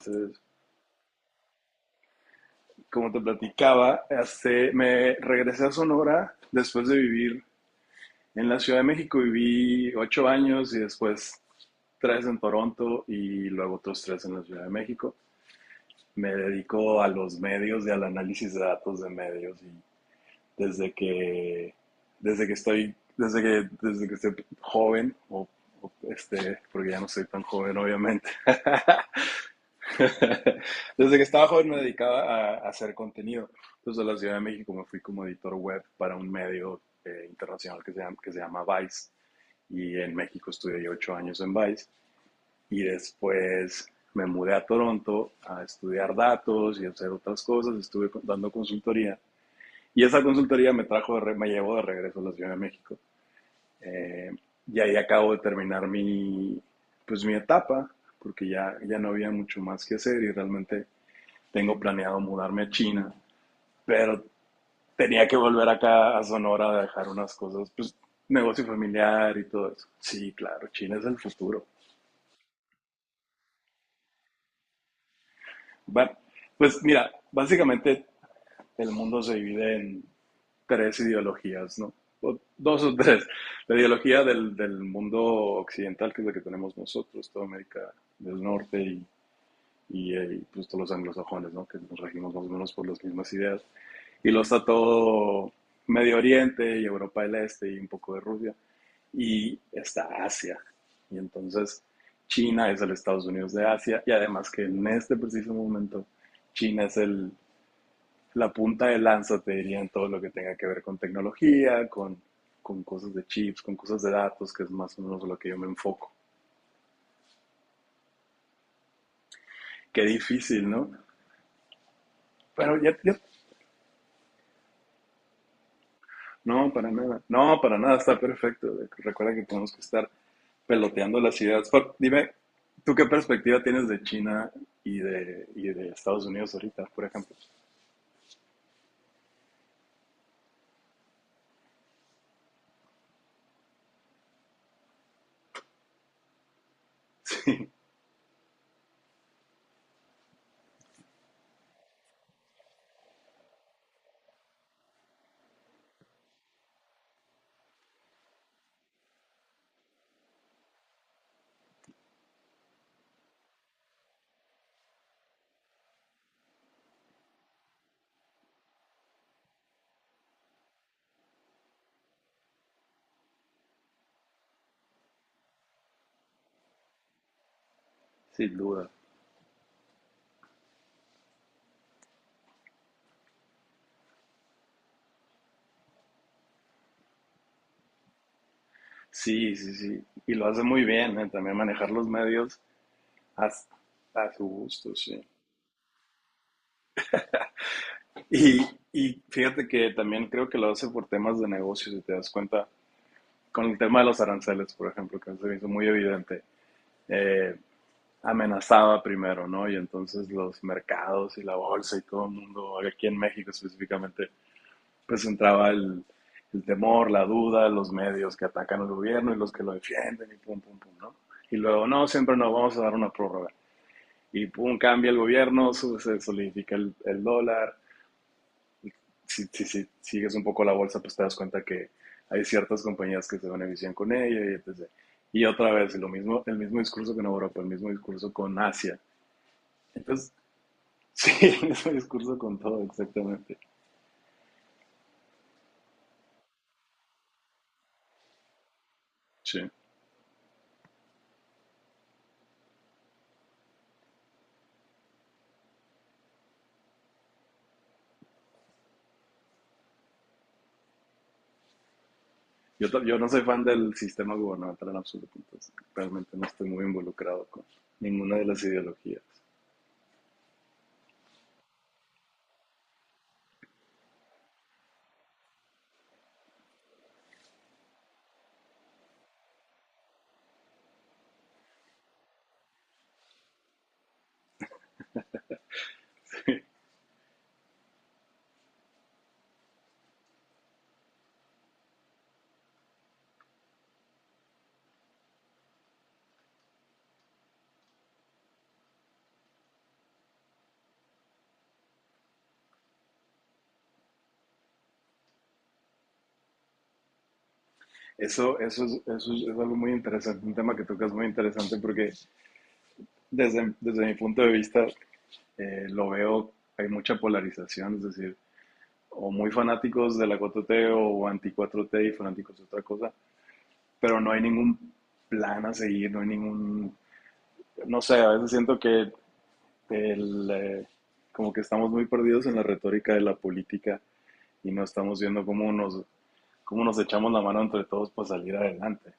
Entonces, como te platicaba, me regresé a Sonora después de vivir en la Ciudad de México. Viví 8 años y después tres en Toronto y luego otros tres en la Ciudad de México. Me dedico a los medios y al análisis de datos de medios y desde que, desde que estoy joven, porque ya no soy tan joven, obviamente. Desde que estaba joven me dedicaba a hacer contenido. Entonces, a la Ciudad de México me fui como editor web para un medio internacional que se llama Vice. Y en México estudié 8 años en Vice. Y después me mudé a Toronto a estudiar datos y hacer otras cosas. Estuve dando consultoría. Y esa consultoría me trajo, me llevó de regreso a la Ciudad de México. Eh, y ahí acabo de terminar pues mi etapa, porque ya no había mucho más que hacer y realmente tengo planeado mudarme a China, pero tenía que volver acá a Sonora a dejar unas cosas, pues negocio familiar y todo eso. Sí, claro, China es el futuro. Bueno, pues mira, básicamente el mundo se divide en tres ideologías, ¿no? O dos o tres. La ideología del mundo occidental, que es la que tenemos nosotros, toda América del Norte pues todos los anglosajones, ¿no? Que nos regimos más o menos por las mismas ideas. Y lo está todo Medio Oriente y Europa del Este y un poco de Rusia. Y está Asia. Y entonces China es el Estados Unidos de Asia. Y además que en este preciso momento China es la punta de lanza, te diría, en todo lo que tenga que ver con tecnología, con cosas de chips, con cosas de datos, que es más o menos lo que yo me enfoco. Qué difícil, ¿no? Pero ya, ya. No, para nada. No, para nada, está perfecto. Recuerda que tenemos que estar peloteando las ideas. Dime, ¿tú qué perspectiva tienes de China y de Estados Unidos ahorita, por ejemplo? Sí, sin duda. Sí, sí, sí. Y lo hace muy bien, ¿eh? También manejar los medios a, a su gusto, sí. Y, y fíjate que también creo que lo hace por temas de negocio, si te das cuenta, con el tema de los aranceles, por ejemplo, que se me hizo muy evidente. Eh, Amenazaba primero, ¿no? Y entonces los mercados y la bolsa y todo el mundo, aquí en México específicamente, pues entraba el temor, la duda, los medios que atacan al gobierno y los que lo defienden y pum, pum, pum, ¿no? Y luego, no, siempre nos vamos a dar una prórroga. Y pum, cambia el gobierno, sube, se solidifica el dólar. Si sigues un poco la bolsa, pues te das cuenta que hay ciertas compañías que se benefician con ella y etcétera. Y otra vez, lo mismo, el mismo discurso con Europa, el mismo discurso con Asia. Entonces, sí, el mismo discurso con todo, exactamente. Sí. Yo no soy fan del sistema gubernamental en absoluto, entonces realmente no estoy muy involucrado con ninguna de las ideologías. Eso es algo muy interesante, un tema que tocas muy interesante porque desde mi punto de vista lo veo, hay mucha polarización, es decir, o muy fanáticos de la cuatro t o anti cuatro t y fanáticos de otra cosa, pero no hay ningún plan a seguir, no sé, a veces siento que el, eh, como que estamos muy perdidos en la retórica de la política y no estamos viendo cómo nos echamos la mano entre todos para salir adelante.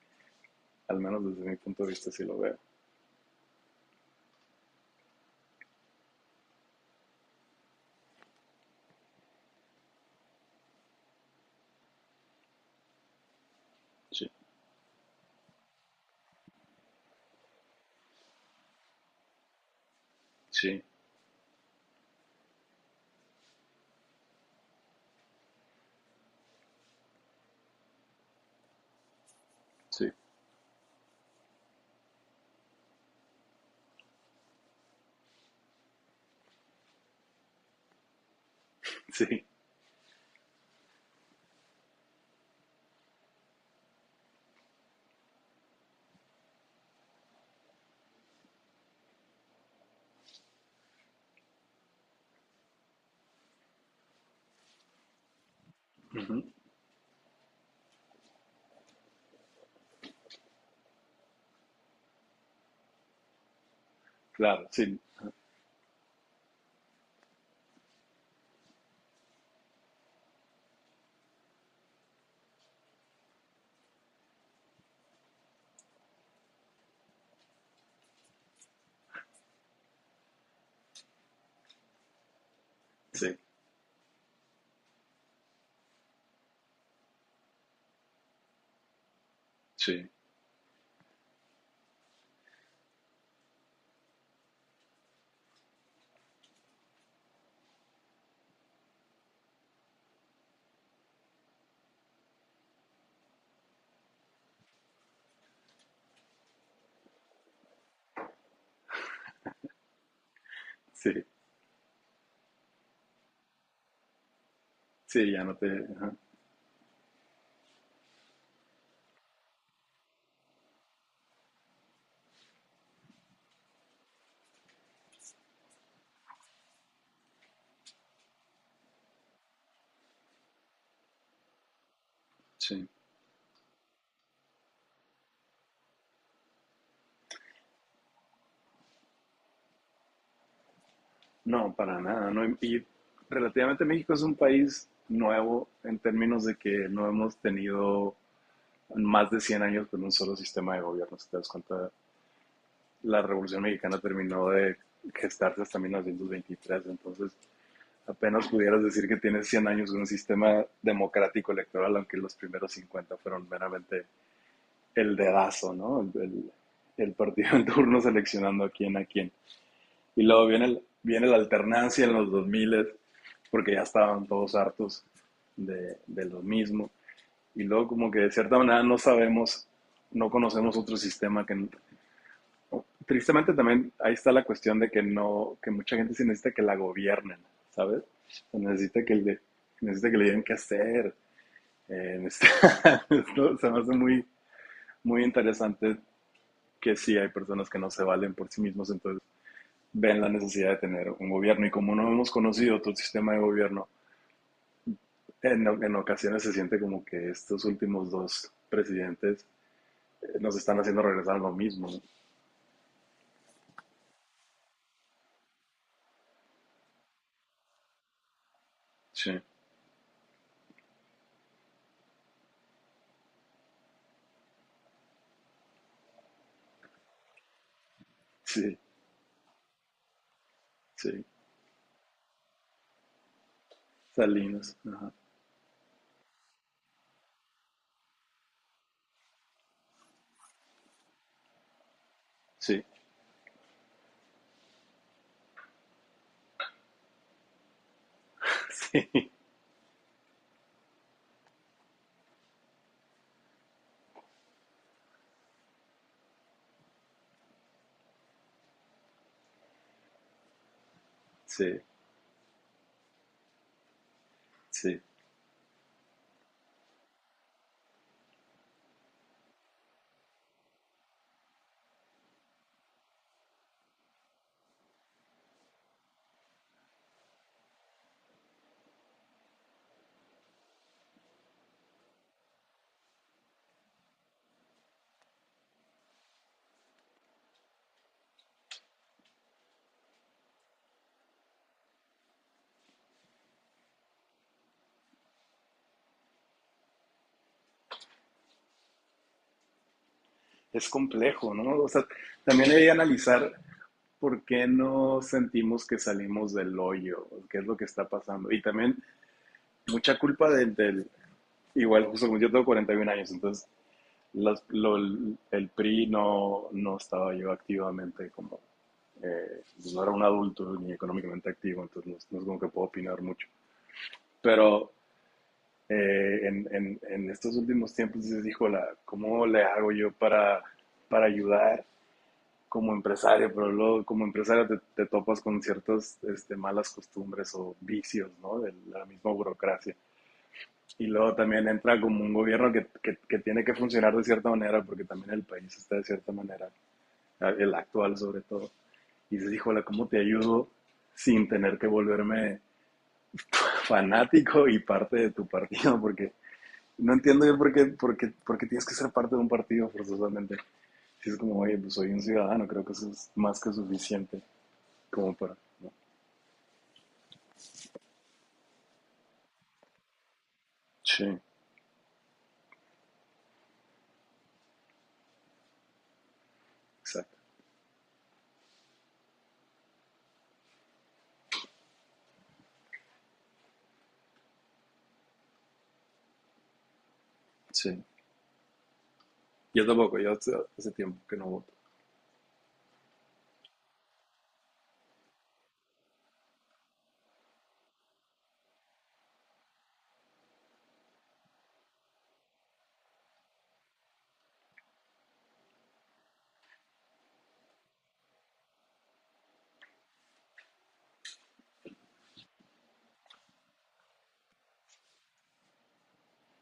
Al menos desde mi punto de vista sí lo veo. Sí, sí, sí, sí. Ujú. Claro, sí, sí, sí, sí, sí, ya no te. Ajá, sí. No, para nada. No, y relativamente México es un país nuevo en términos de que no hemos tenido más de 100 años con un solo sistema de gobierno. Si te das cuenta, la Revolución Mexicana terminó de gestarse hasta 1923, entonces apenas pudieras decir que tienes 100 años de un sistema democrático electoral, aunque los primeros 50 fueron meramente el dedazo, ¿no? El partido en turno seleccionando a quién a quién. Y luego viene la alternancia en los 2000, porque ya estaban todos hartos de lo mismo. Y luego como que de cierta manera no sabemos, no conocemos otro sistema que tristemente también ahí está la cuestión de que no, que mucha gente sí necesita que la gobiernen, ¿sabes? O necesita que le digan qué hacer. Esto se me hace muy, muy interesante que sí hay personas que no se valen por sí mismos, entonces ven la necesidad de tener un gobierno. Y como no hemos conocido todo el sistema de gobierno, en ocasiones se siente como que estos últimos dos presidentes nos están haciendo regresar a lo mismo, ¿no? Sí, sí, sí. Salinas, ajá. Sí. Sí, sí, sí. Es complejo, ¿no? O sea, también hay que analizar por qué no sentimos que salimos del hoyo, qué es lo que está pasando. Y también mucha culpa del igual, justo como yo tengo 41 años, entonces el PRI no estaba yo activamente como, pues no era un adulto ni económicamente activo, entonces no, no es como que puedo opinar mucho. Pero en estos últimos tiempos dices, híjola, ¿cómo le hago yo para, ayudar como empresario? Pero luego como empresario te topas con ciertas malas costumbres o vicios, ¿no? De la misma burocracia. Y luego también entra como un gobierno que tiene que funcionar de cierta manera, porque también el país está de cierta manera, el actual sobre todo. Y dices, híjola, ¿cómo te ayudo sin tener que volverme fanático y parte de tu partido? Porque no entiendo yo por qué tienes que ser parte de un partido forzosamente. Si es como, oye, pues soy un ciudadano, creo que eso es más que suficiente como para, ¿no? Sí, exacto, sí. Yo tampoco, yo hace tiempo que no voto.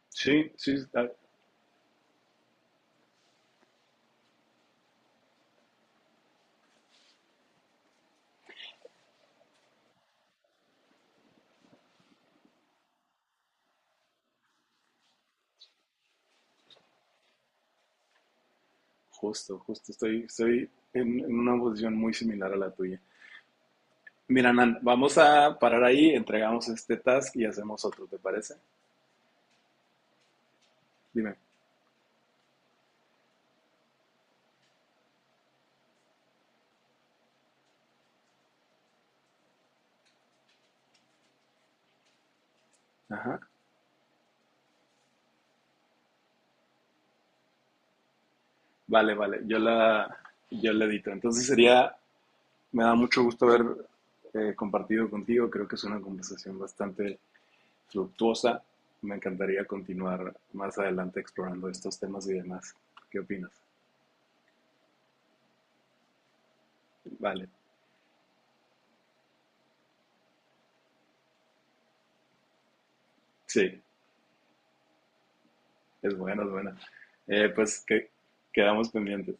Sí, sí, justo, estoy en una posición muy similar a la tuya. Mira, Nan, vamos a parar ahí, entregamos este task y hacemos otro, ¿te parece? Dime. Ajá. Vale, vale, yo la edito. Entonces sería. Me da mucho gusto haber compartido contigo. Creo que es una conversación bastante fructuosa. Me encantaría continuar más adelante explorando estos temas y demás. ¿Qué opinas? Vale, sí, es buena, es buena. Pues que quedamos pendientes.